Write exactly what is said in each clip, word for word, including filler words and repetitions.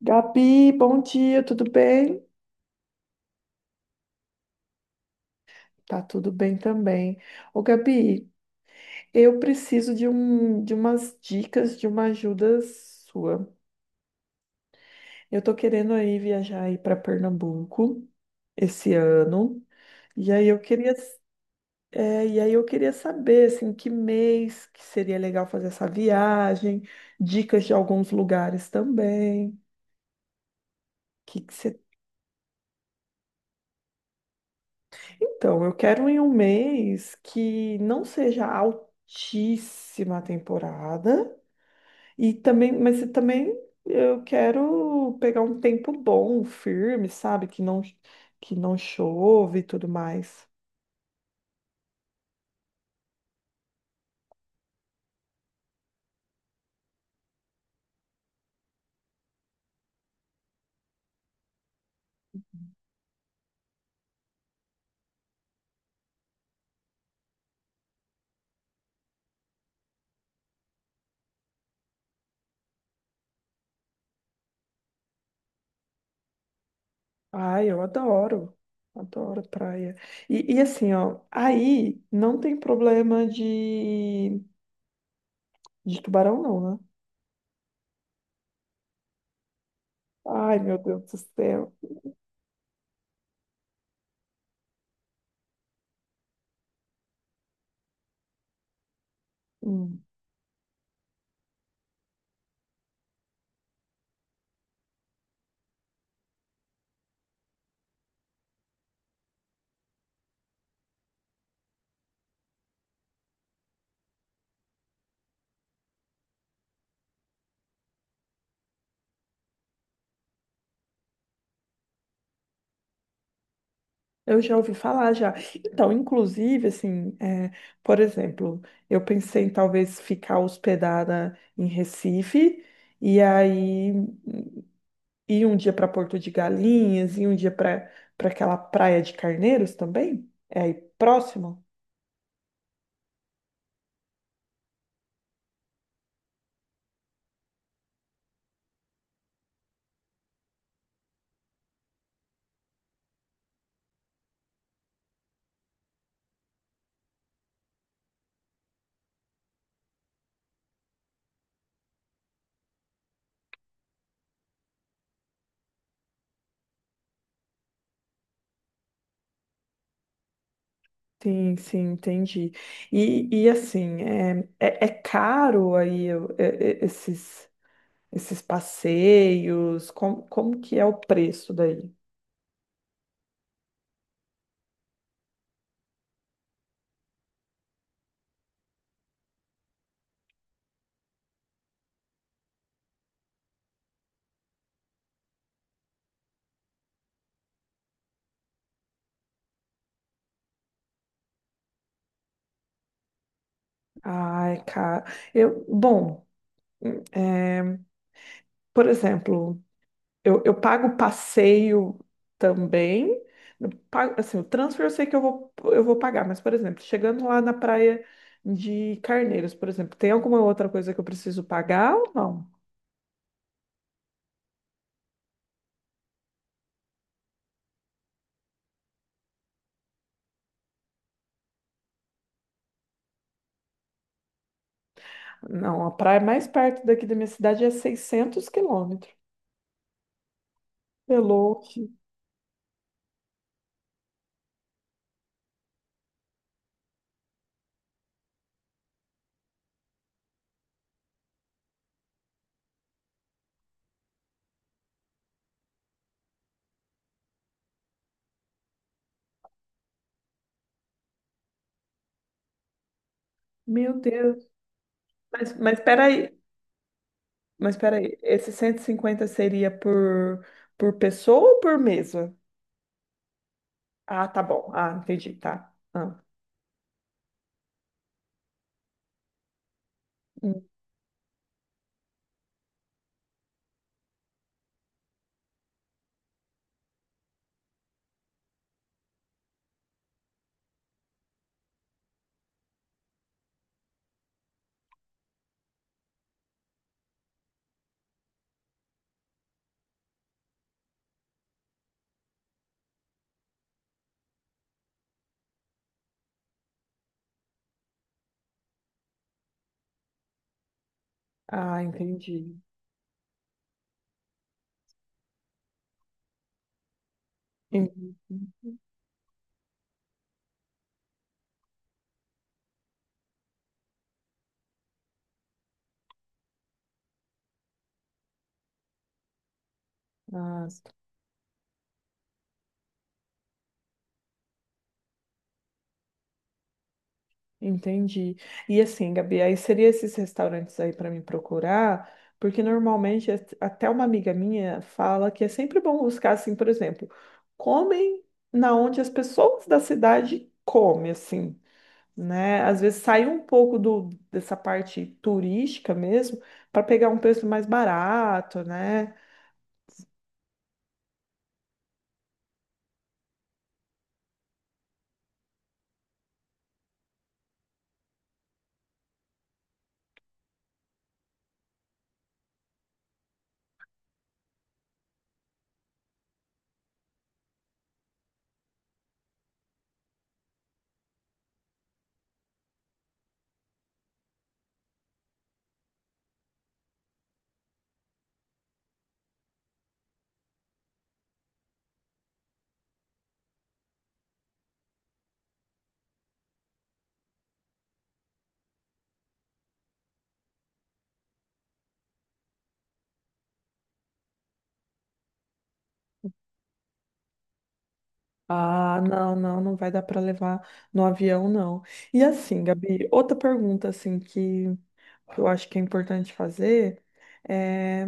Gabi, bom dia, tudo bem? Tá tudo bem também. Ô, Gabi, eu preciso de um, de umas dicas, de uma ajuda sua. Eu tô querendo aí viajar aí para Pernambuco esse ano, e aí eu queria, é, e aí eu queria saber assim, que mês que seria legal fazer essa viagem, dicas de alguns lugares também. O que que você... Então, eu quero em um mês que não seja altíssima a temporada e também, mas e também eu quero pegar um tempo bom, firme, sabe? Que não que não chove e tudo mais. Ai, eu adoro. Adoro praia. E, e assim, ó, aí não tem problema de de tubarão não, né? Ai, meu Deus do céu. Hum. Eu já ouvi falar já. Então, inclusive, assim, é, por exemplo, eu pensei em talvez ficar hospedada em Recife e aí ir um dia para Porto de Galinhas e um dia para para aquela praia de Carneiros também. É aí próximo? Sim, sim, entendi. E, e assim, é, é, é caro aí eu- é- é- esses, esses passeios? Como, como que é o preço daí? Ah, é caro. Eu, bom. É. Por exemplo, eu, eu pago passeio também. Eu pago- assim, o transfer eu sei que eu vou, eu vou pagar, mas, por exemplo, chegando lá na praia de Carneiros, por exemplo, tem alguma outra coisa que eu preciso pagar ou não? Não, a praia mais perto daqui da minha cidade é seiscentos quilômetros. É longe. Meu Deus. Mas, mas peraí, mas, peraí, esse cento e cinquenta seria por, por pessoa ou por mesa? Ah, tá bom. Ah, entendi, tá. Ah. Ah, entendi. Entendi. Ah, entendi. E assim, Gabi, aí seria esses restaurantes aí para me procurar, porque normalmente at- até uma amiga minha fala que é sempre bom buscar assim, por exemplo, comem na onde as pessoas da cidade comem, assim, né? Às vezes sair um pouco do, dessa parte turística mesmo para pegar um preço mais barato, né? Ah, não, não, não vai dar para levar no avião, não. E assim, Gabi, outra pergunta assim que, que eu acho que é importante fazer é,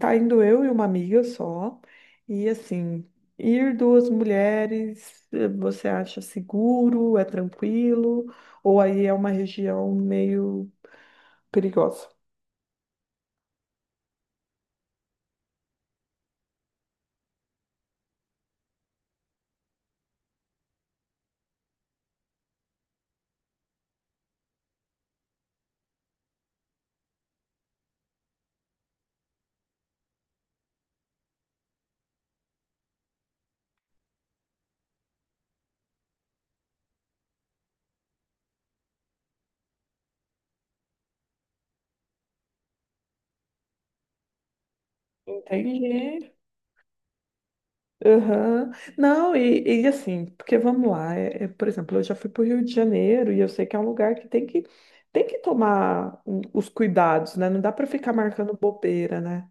tá indo eu e uma amiga só, e assim, ir duas mulheres, eh, você acha seguro, é tranquilo, ou aí é uma região meio perigosa? Entende? Aham. Não, e, e assim, porque vamos lá, é- é, por exemplo, eu já fui para o Rio de Janeiro e eu sei que é um lugar que tem que, tem que tomar o- os cuidados, né? Não dá para ficar marcando bobeira, né?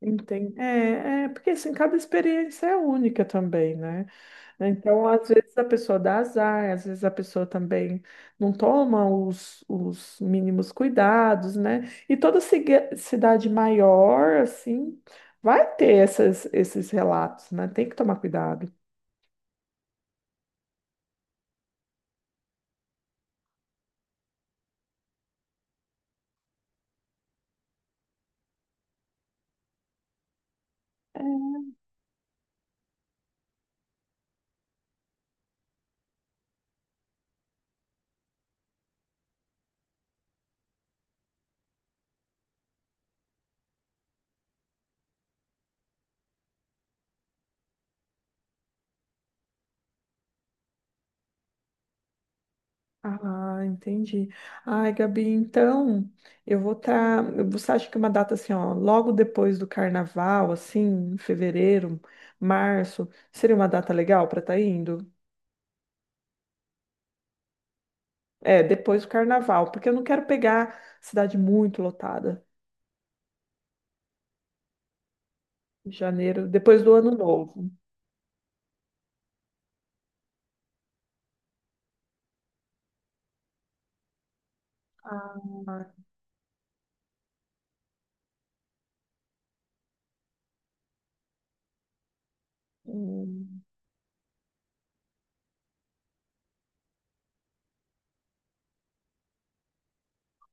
Entendi. É, é, porque assim, cada experiência é única também, né? Então, às vezes a pessoa dá azar, às vezes a pessoa também não toma os, os mínimos cuidados, né? E toda ciga- cidade maior, assim, vai ter essas, esses relatos, né? Tem que tomar cuidado. Ah, entendi. Ai, Gabi, então eu vou estar. Você acha que uma data assim, ó, logo depois do carnaval, assim, em fevereiro, março, seria uma data legal para estar indo? É, depois do carnaval, porque eu não quero pegar cidade muito lotada. Janeiro, depois do ano novo. Ah, hum.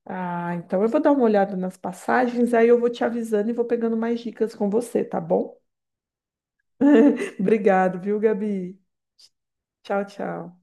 Ah, então eu vou dar uma olhada nas passagens, aí eu vou te avisando e vou pegando mais dicas com você, tá bom? Obrigado, viu, Gabi? Tchau, tchau.